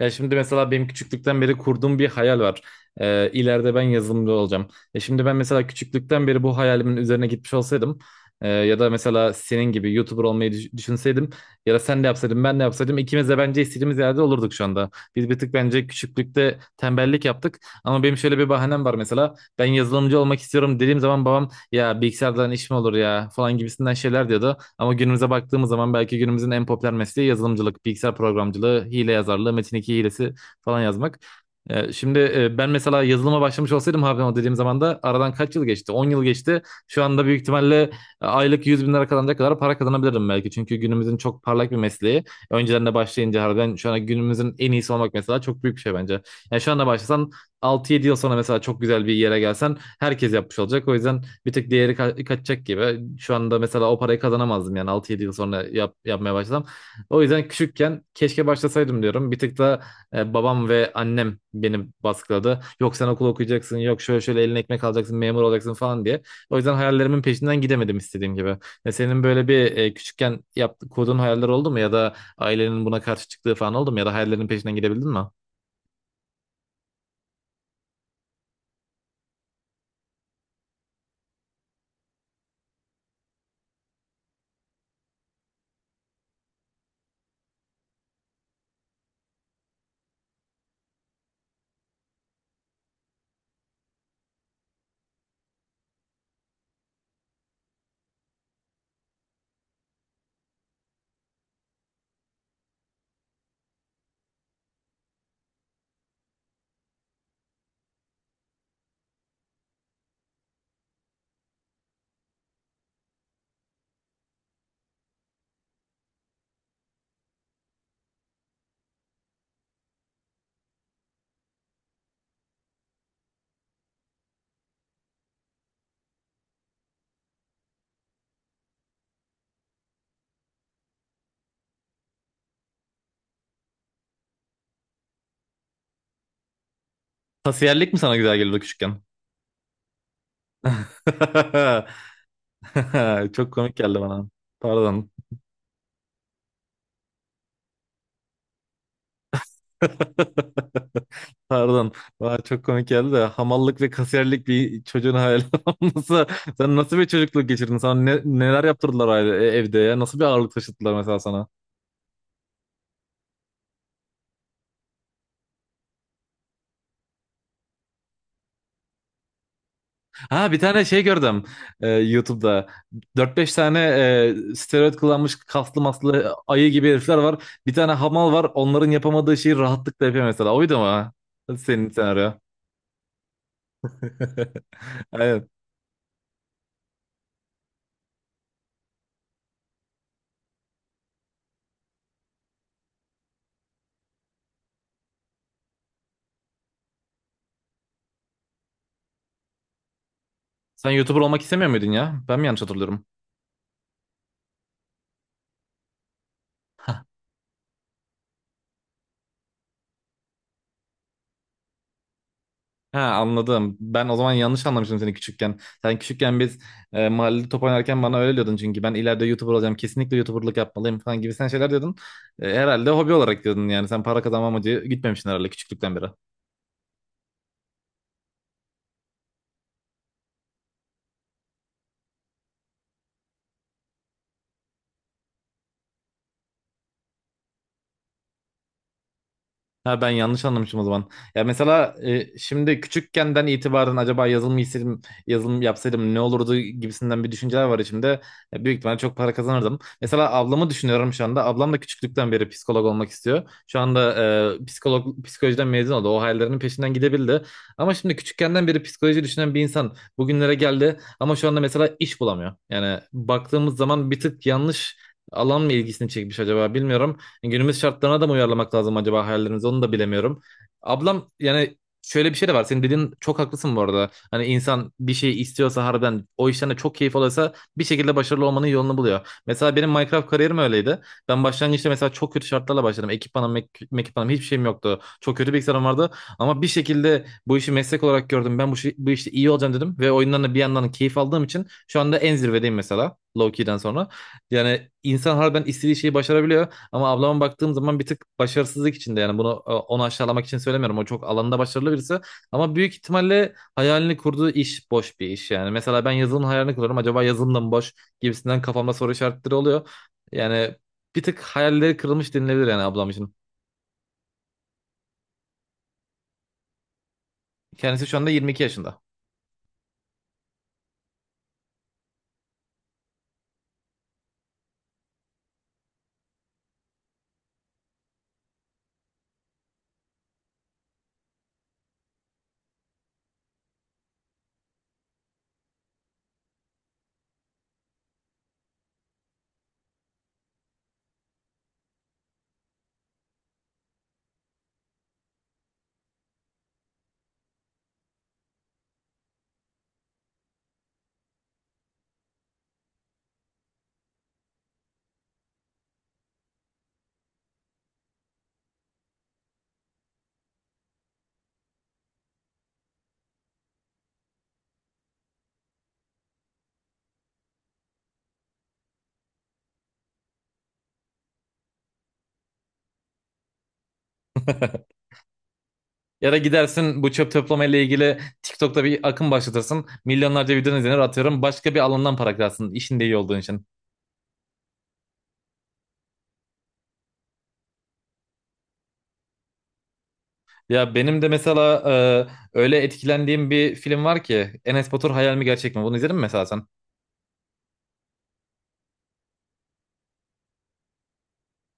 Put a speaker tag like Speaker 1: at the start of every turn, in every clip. Speaker 1: Ya şimdi mesela benim küçüklükten beri kurduğum bir hayal var. İleride ben yazılımcı olacağım. Ya şimdi ben mesela küçüklükten beri bu hayalimin üzerine gitmiş olsaydım ya da mesela senin gibi YouTuber olmayı düşünseydim ya da sen de yapsaydın ben de yapsaydım ikimiz de bence istediğimiz yerde olurduk şu anda. Biz bir tık bence küçüklükte tembellik yaptık, ama benim şöyle bir bahanem var. Mesela ben yazılımcı olmak istiyorum dediğim zaman babam, ya bilgisayardan iş mi olur ya falan gibisinden şeyler diyordu. Ama günümüze baktığımız zaman belki günümüzün en popüler mesleği yazılımcılık, bilgisayar programcılığı, hile yazarlığı, metin iki hilesi falan yazmak. Şimdi ben mesela yazılıma başlamış olsaydım abi, o dediğim zaman da aradan kaç yıl geçti? 10 yıl geçti. Şu anda büyük ihtimalle aylık 100 bin lira kazanacak kadar para kazanabilirdim belki. Çünkü günümüzün çok parlak bir mesleği. Öncelerine başlayınca harbiden şu anda günümüzün en iyisi olmak mesela çok büyük bir şey bence. Yani şu anda başlasan, altı yedi yıl sonra mesela çok güzel bir yere gelsen herkes yapmış olacak. O yüzden bir tık değeri kaçacak gibi. Şu anda mesela o parayı kazanamazdım yani, altı yedi yıl sonra yapmaya başlasam. O yüzden küçükken keşke başlasaydım diyorum. Bir tık da babam ve annem beni baskıladı. Yok sen okul okuyacaksın, yok şöyle şöyle eline ekmek alacaksın, memur olacaksın falan diye. O yüzden hayallerimin peşinden gidemedim istediğim gibi. Senin böyle bir küçükken kurduğun hayaller oldu mu, ya da ailenin buna karşı çıktığı falan oldu mu, ya da hayallerinin peşinden gidebildin mi? Tasiyerlik mi sana güzel geliyordu küçükken? Çok komik geldi bana. Pardon. Pardon. Bana çok komik geldi de, hamallık ve kasiyerlik bir çocuğun hayal olması. Sen nasıl bir çocukluk geçirdin? Sana neler yaptırdılar aile, evde ya? Nasıl bir ağırlık taşıttılar mesela sana? Ha, bir tane şey gördüm YouTube'da. Dört beş tane steroid kullanmış, kaslı maslı ayı gibi herifler var. Bir tane hamal var. Onların yapamadığı şeyi rahatlıkla yapıyor mesela. Oydu mu? Senin senaryo. Aynen. Sen YouTuber olmak istemiyor muydun ya? Ben mi yanlış hatırlıyorum? Ha, anladım. Ben o zaman yanlış anlamıştım seni küçükken. Sen küçükken biz mahallede top oynarken bana öyle diyordun, çünkü ben ileride YouTuber olacağım, kesinlikle YouTuber'lık yapmalıyım falan gibi sen şeyler diyordun. Herhalde hobi olarak diyordun yani. Sen para kazanma amacı gitmemişsin herhalde küçüklükten beri. Ha, ben yanlış anlamışım o zaman. Ya mesela şimdi küçükkenden itibaren, acaba yazılım isteseydim, yazılım yapsaydım ne olurdu gibisinden bir düşünceler var içimde. Büyük ihtimalle çok para kazanırdım. Mesela ablamı düşünüyorum şu anda. Ablam da küçüklükten beri psikolog olmak istiyor. Şu anda psikolojiden mezun oldu. O hayallerinin peşinden gidebildi. Ama şimdi küçükkenden beri psikoloji düşünen bir insan bugünlere geldi, ama şu anda mesela iş bulamıyor. Yani baktığımız zaman bir tık yanlış alan mı ilgisini çekmiş acaba, bilmiyorum. Günümüz şartlarına da mı uyarlamak lazım acaba hayallerimizi, onu da bilemiyorum. Ablam yani şöyle bir şey de var. Senin dediğin çok haklısın bu arada. Hani insan bir şey istiyorsa, harbiden o işten de çok keyif alıyorsa, bir şekilde başarılı olmanın yolunu buluyor. Mesela benim Minecraft kariyerim öyleydi. Ben başlangıçta mesela çok kötü şartlarla başladım. Ekipmanım, ekipmanım, hiçbir şeyim yoktu. Çok kötü bilgisayarım vardı. Ama bir şekilde bu işi meslek olarak gördüm. Ben bu işte iyi olacağım dedim. Ve oyundan da bir yandan keyif aldığım için şu anda en zirvedeyim mesela. Low-key'den sonra. Yani insan harbiden istediği şeyi başarabiliyor. Ama ablama baktığım zaman bir tık başarısızlık içinde yani, bunu onu aşağılamak için söylemiyorum. O çok alanında başarılı birisi, ama büyük ihtimalle hayalini kurduğu iş boş bir iş yani. Mesela ben yazılımın hayalini kuruyorum. Acaba yazılım da mı boş gibisinden, kafamda soru işaretleri oluyor. Yani bir tık hayalleri kırılmış denilebilir yani ablam için. Kendisi şu anda 22 yaşında. Ya da gidersin bu çöp toplama ile ilgili TikTok'ta bir akım başlatırsın. Milyonlarca videonun izlenir atıyorum. Başka bir alandan para kırarsın işinde iyi olduğun için. Ya benim de mesela öyle etkilendiğim bir film var ki, Enes Batur Hayal mi Gerçek mi? Bunu izledin mi mesela sen?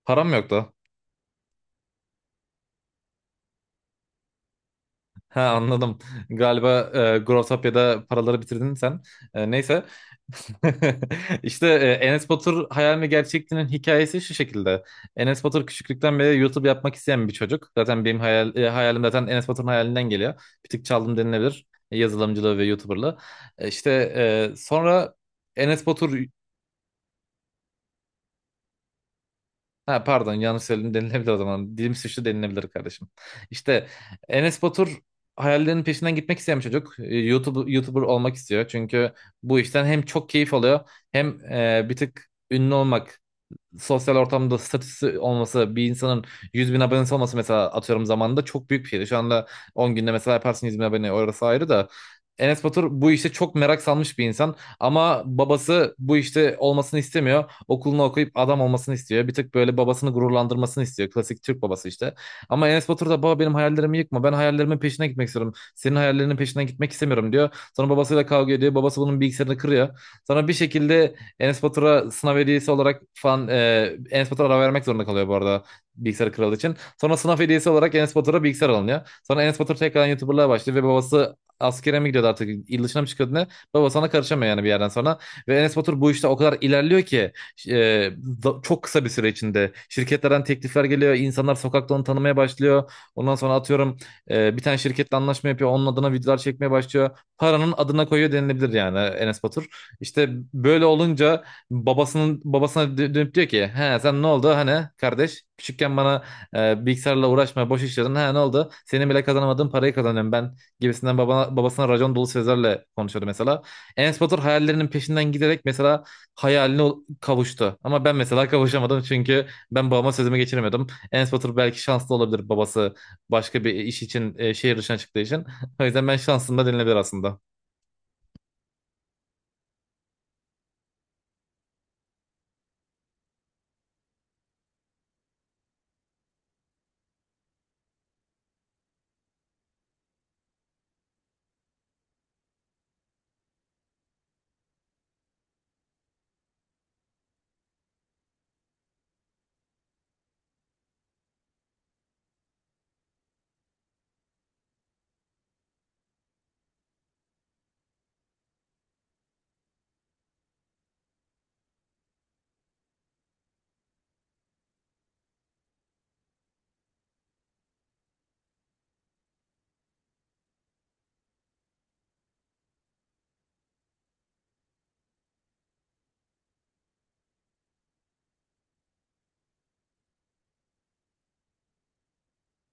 Speaker 1: Param yoktu. Ha, anladım. Galiba Growtopia'da paraları bitirdin sen. Neyse. İşte, Enes Batur Hayal mi Gerçek'tinin hikayesi şu şekilde. Enes Batur küçüklükten beri YouTube yapmak isteyen bir çocuk. Zaten benim hayalim zaten Enes Batur'un hayalinden geliyor. Bir tık çaldım denilebilir. Yazılımcılığı ve YouTuber'lığı. İşte, sonra Enes Batur. Ha, pardon, yanlış söyledim denilebilir o zaman. Dilim suçlu denilebilir kardeşim. İşte Enes Batur hayallerinin peşinden gitmek isteyen bir çocuk. YouTuber olmak istiyor. Çünkü bu işten hem çok keyif alıyor, hem bir tık ünlü olmak, sosyal ortamda statüsü olması bir insanın. 100 bin abonesi olması mesela, atıyorum zamanında çok büyük bir şeydi. Şu anda 10 günde mesela yaparsın 100 bin abone, orası ayrı da. Enes Batur bu işte çok merak salmış bir insan, ama babası bu işte olmasını istemiyor. Okulunu okuyup adam olmasını istiyor. Bir tık böyle babasını gururlandırmasını istiyor. Klasik Türk babası işte. Ama Enes Batur da, baba benim hayallerimi yıkma, ben hayallerimin peşine gitmek istiyorum, senin hayallerinin peşine gitmek istemiyorum diyor. Sonra babasıyla kavga ediyor. Babası bunun bilgisayarını kırıyor. Sonra bir şekilde Enes Batur'a sınav hediyesi olarak falan, Enes Batur ara vermek zorunda kalıyor bu arada, bilgisayar kralı için. Sonra sınav hediyesi olarak Enes Batur'a bilgisayar alınıyor. Sonra Enes Batur tekrardan YouTuber'lığa başlıyor ve babası askere mi gidiyordu artık, il dışına mı çıkıyordu ne? Babası ona karışamıyor yani bir yerden sonra. Ve Enes Batur bu işte o kadar ilerliyor ki, e, çok kısa bir süre içinde şirketlerden teklifler geliyor. İnsanlar sokakta onu tanımaya başlıyor. Ondan sonra atıyorum bir tane şirketle anlaşma yapıyor. Onun adına videolar çekmeye başlıyor. Paranın adına koyuyor denilebilir yani Enes Batur. İşte böyle olunca babasına dönüp diyor ki, he sen ne oldu hani kardeş, küçükken bana bilgisayarla uğraşma boş işledin, he ne oldu, senin bile kazanamadığın parayı kazanıyorum ben gibisinden, babasına racon dolu sözlerle konuşuyordu mesela. Enes Batur hayallerinin peşinden giderek mesela hayaline kavuştu, ama ben mesela kavuşamadım, çünkü ben babama sözümü geçiremiyordum. Enes Batur belki şanslı olabilir, babası başka bir iş için şehir dışına çıktığı için, o yüzden ben şansım da denilebilir aslında.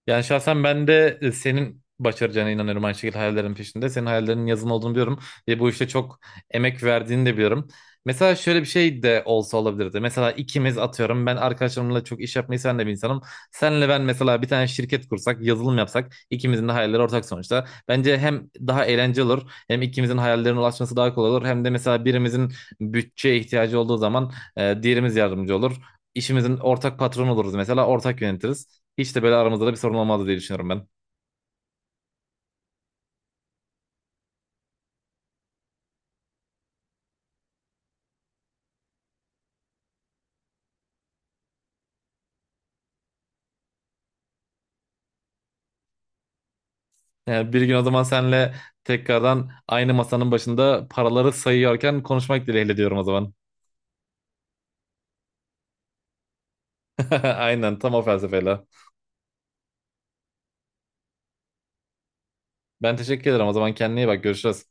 Speaker 1: Yani şahsen ben de senin başaracağına inanıyorum aynı şekilde, hayallerin peşinde. Senin hayallerinin yazın olduğunu biliyorum ve bu işte çok emek verdiğini de biliyorum. Mesela şöyle bir şey de olsa olabilirdi. Mesela ikimiz atıyorum, ben arkadaşlarımla çok iş yapmayı sen de bir insanım. Senle ben mesela bir tane şirket kursak, yazılım yapsak, ikimizin de hayalleri ortak sonuçta. Bence hem daha eğlenceli olur, hem ikimizin hayallerine ulaşması daha kolay olur. Hem de mesela birimizin bütçeye ihtiyacı olduğu zaman diğerimiz yardımcı olur. İşimizin ortak patronu oluruz mesela, ortak yönetiriz. Hiç de böyle aramızda da bir sorun olmazdı diye düşünüyorum ben. Yani bir gün o zaman senle tekrardan aynı masanın başında paraları sayıyorken konuşmak dileğiyle diyorum o zaman. Aynen tam o felsefeyle. Ben teşekkür ederim o zaman, kendine iyi bak, görüşürüz.